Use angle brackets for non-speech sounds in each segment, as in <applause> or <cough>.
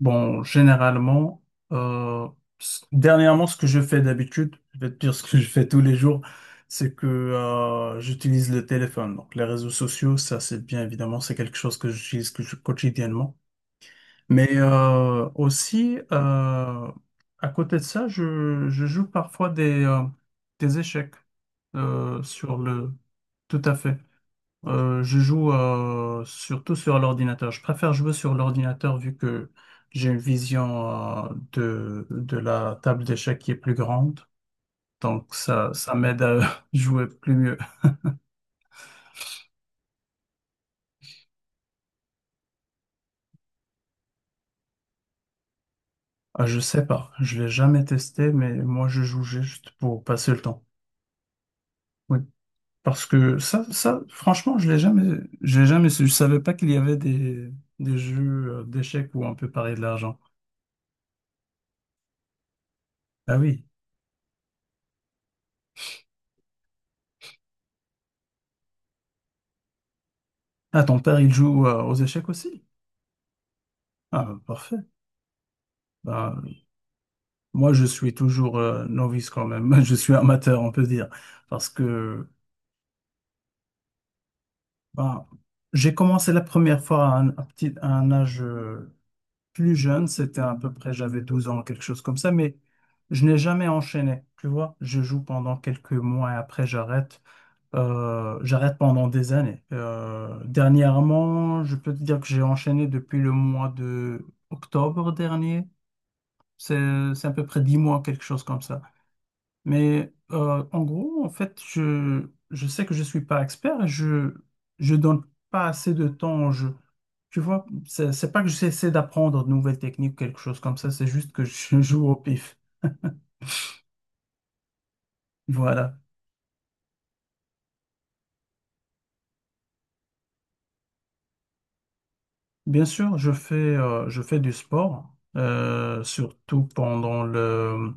Bon, généralement, euh, dernièrement, ce que je fais d'habitude, je vais te dire ce que je fais tous les jours, c'est que j'utilise le téléphone. Donc, les réseaux sociaux, ça, c'est bien évidemment, c'est quelque chose que j'utilise quotidiennement. Mais aussi, à côté de ça, je joue parfois des échecs euh, sur le... Tout à fait. Je joue surtout sur l'ordinateur. Je préfère jouer sur l'ordinateur vu que j'ai une vision de la table d'échecs qui est plus grande. Donc ça m'aide à <laughs> jouer plus mieux. Ah, je sais pas, je l'ai jamais testé, mais moi je joue juste pour passer le temps. Oui, parce que ça, franchement, je l'ai jamais su. Je savais pas qu'il y avait des jeux d'échecs où on peut parier de l'argent. Ah oui. Ah, ton père, il joue aux échecs aussi? Ah, parfait. Ben, moi, je suis toujours novice quand même. <laughs> Je suis amateur, on peut dire. Parce que ben, j'ai commencé la première fois à un âge plus jeune. C'était à peu près, j'avais 12 ans, quelque chose comme ça. Mais je n'ai jamais enchaîné. Tu vois, je joue pendant quelques mois et après, j'arrête. J'arrête pendant des années. Dernièrement, je peux te dire que j'ai enchaîné depuis le mois de octobre dernier. C'est à peu près 10 mois, quelque chose comme ça. Mais en gros, en fait, je sais que je ne suis pas expert et je donne pas assez de temps au jeu. Tu vois, c'est pas que j'essaie d'apprendre de nouvelles techniques, quelque chose comme ça, c'est juste que je <laughs> joue au pif. Voilà. Bien sûr, je fais du sport, surtout pendant le,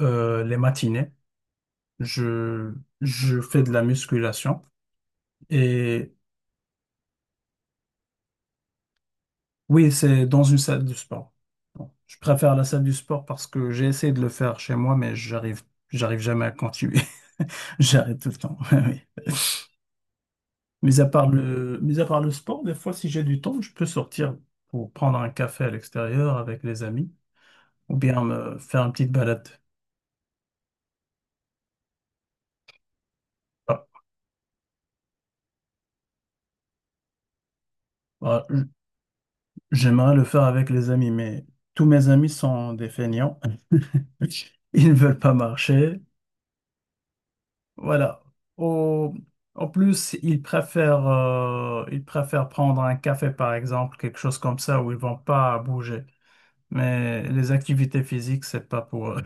euh, les matinées. Je, je fais de la musculation et Oui, c'est dans une salle du sport. Bon, je préfère la salle du sport parce que j'ai essayé de le faire chez moi, mais j'arrive jamais à continuer. <laughs> J'arrête tout le temps. <laughs> Oui. Mais mis à part le sport, des fois, si j'ai du temps, je peux sortir pour prendre un café à l'extérieur avec les amis ou bien me faire une petite balade. Ah, ah, j'aimerais le faire avec les amis, mais tous mes amis sont des feignants. <laughs> Ils ne veulent pas marcher. Voilà. Au- En plus, ils préfèrent prendre un café, par exemple, quelque chose comme ça, où ils vont pas bouger. Mais les activités physiques, c'est pas pour eux.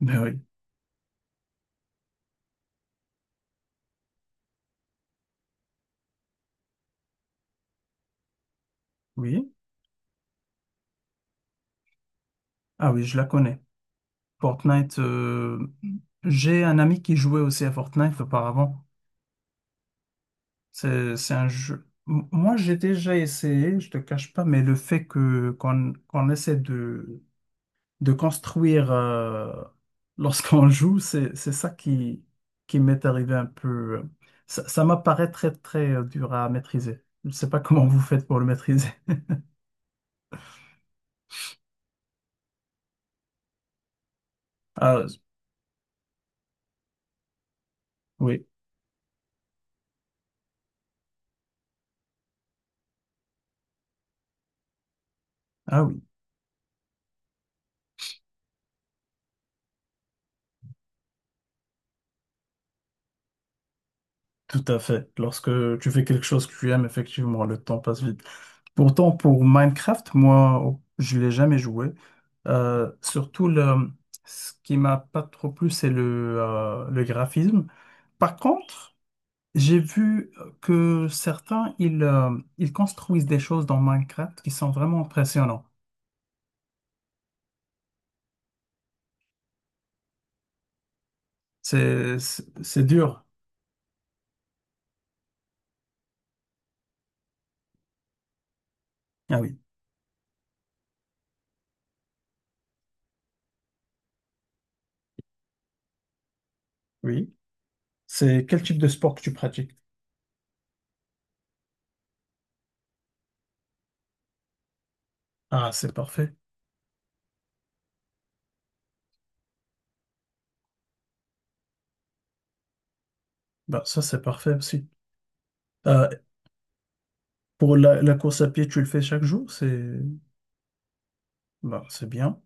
<laughs> Mais oui. Oui. Ah oui, je la connais. Fortnite, j'ai un ami qui jouait aussi à Fortnite auparavant. C'est un jeu. Moi, j'ai déjà essayé, je te cache pas, mais le fait que qu'on qu'on essaie de construire lorsqu'on <laughs> joue, c'est ça qui m'est arrivé un peu. Ça, ça m'apparaît très, très dur à maîtriser. Je ne sais pas <laughs> comment vous faites pour le maîtriser. <laughs> Ah oui, ah oui, tout à fait. Lorsque tu fais quelque chose que tu aimes, effectivement, le temps passe vite. Pourtant, pour Minecraft, moi, oh, je l'ai jamais joué. Surtout, ce qui m'a pas trop plu, c'est le graphisme. Par contre, j'ai vu que certains, ils construisent des choses dans Minecraft qui sont vraiment impressionnants. C'est dur. Ah oui, oui. C'est quel type de sport que tu pratiques? Ah, c'est parfait. Bah, ça, c'est parfait aussi. Euh, pour la course à pied, tu le fais chaque jour? C'est Bah, c'est bien.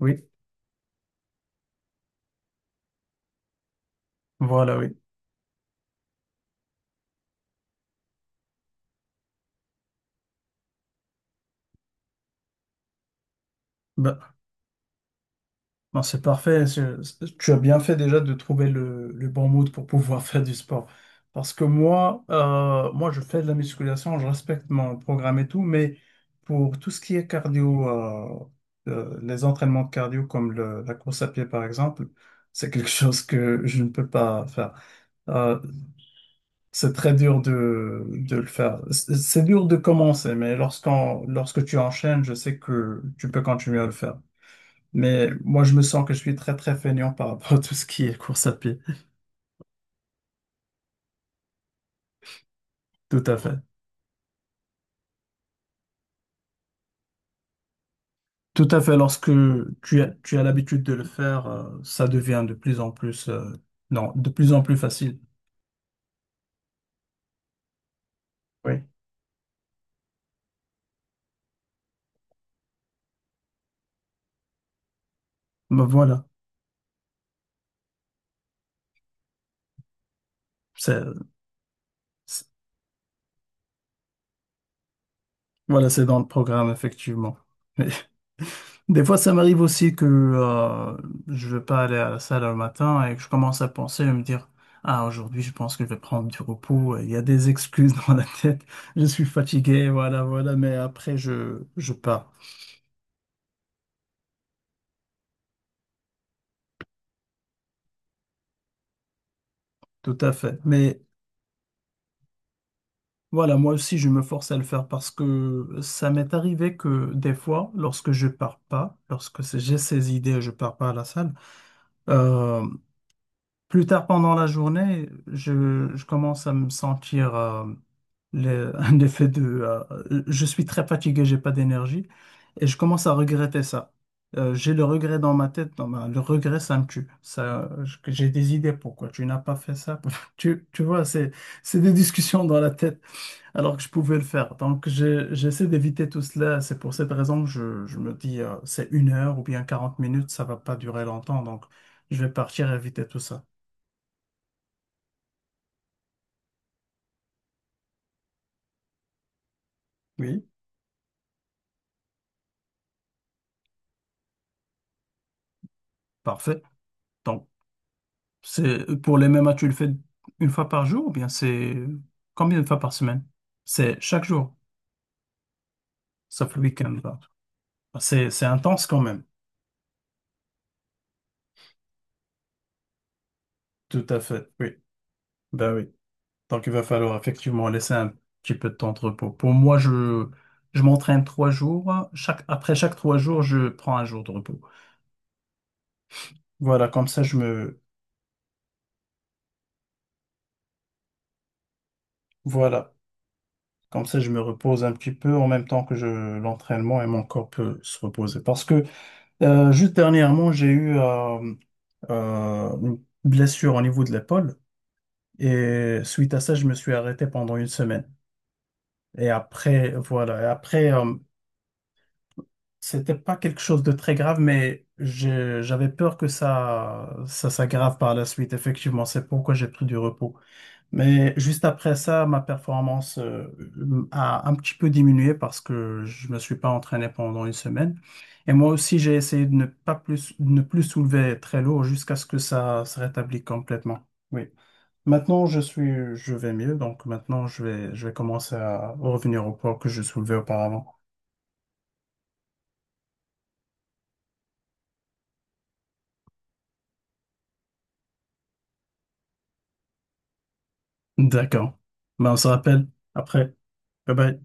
Oui, voilà, oui. Bah. Non, c'est parfait. Tu as bien fait déjà de trouver le bon mood pour pouvoir <laughs> faire du sport. Parce que moi, je fais de la musculation, je respecte mon programme et tout, mais pour tout ce qui est cardio, les entraînements de cardio comme la course à pied par exemple, c'est quelque <laughs> chose que je ne peux pas faire. Euh, c'est très dur de le faire. C'est dur de commencer, mais lorsque tu enchaînes, je sais que tu peux continuer à le faire. Mais moi, je me sens que je suis très, très feignant par rapport à tout ce qui est course à pied. Tout à fait. Tout à fait. Lorsque tu as l'habitude de le faire, ça devient de plus en plus, non, de plus en plus facile. Oui. Ben voilà. C'est, c'est- voilà, c'est dans le programme, effectivement. Des fois, ça m'arrive aussi que je veux pas aller à la salle le matin et que je commence à penser à me dire, ah, aujourd'hui, je pense que je vais prendre du repos. Il y a des excuses <laughs> dans la tête. Je suis fatigué, voilà, voilà. Mais après, je pars. Tout à fait. Mais voilà, moi aussi, je me force à le faire parce que ça m'est arrivé que des fois, lorsque je pars pas, lorsque j'ai ces idées, je pars pas à la salle. euh, Plus tard pendant la journée, je commence à me sentir <laughs> un effet de je suis très fatigué, j'ai pas d'énergie et je commence à regretter ça. J'ai le regret dans ma tête, dans le regret ça me tue. Ça, que j'ai des idées pourquoi tu n'as pas fait ça. <laughs> Tu vois, c'est des discussions dans la tête alors que je pouvais le faire. Donc j'essaie d'éviter tout cela. C'est pour cette raison que je me dis c'est 1 heure ou bien 40 minutes, ça va pas durer longtemps. Donc je vais partir éviter tout ça. Oui. Parfait. Donc, c'est pour les mêmes matchs, tu le fais 1 fois par jour ou bien c'est combien de fois par semaine? C'est chaque jour, sauf le week-end. Là. C'est intense quand même. Tout à fait, oui. Ben oui. Donc, il va falloir effectivement laisser un petit peu de temps de repos. Pour moi, je m'entraîne 3 jours. Après chaque 3 jours, je prends un jour de repos. Voilà, comme ça, voilà. Comme ça, je me repose un petit peu en même temps que l'entraînement et mon corps peut se reposer. Parce que juste dernièrement, j'ai eu une blessure au niveau de l'épaule et suite à ça, je me suis arrêté pendant 1 semaine. Et après, voilà, et après, c'était pas quelque chose de très grave, mais j'avais peur que ça s'aggrave par la suite. Effectivement, c'est pourquoi j'ai pris du repos. Mais juste après ça, ma performance a un petit peu diminué parce que je me suis pas entraîné pendant 1 semaine. Et moi aussi, j'ai essayé de ne plus soulever très lourd jusqu'à ce que ça se rétablisse complètement. Oui. Maintenant, je vais mieux. Donc maintenant, je vais commencer à revenir au poids que je soulevais auparavant. D'accord. Ben, on se rappelle après. Bye bye.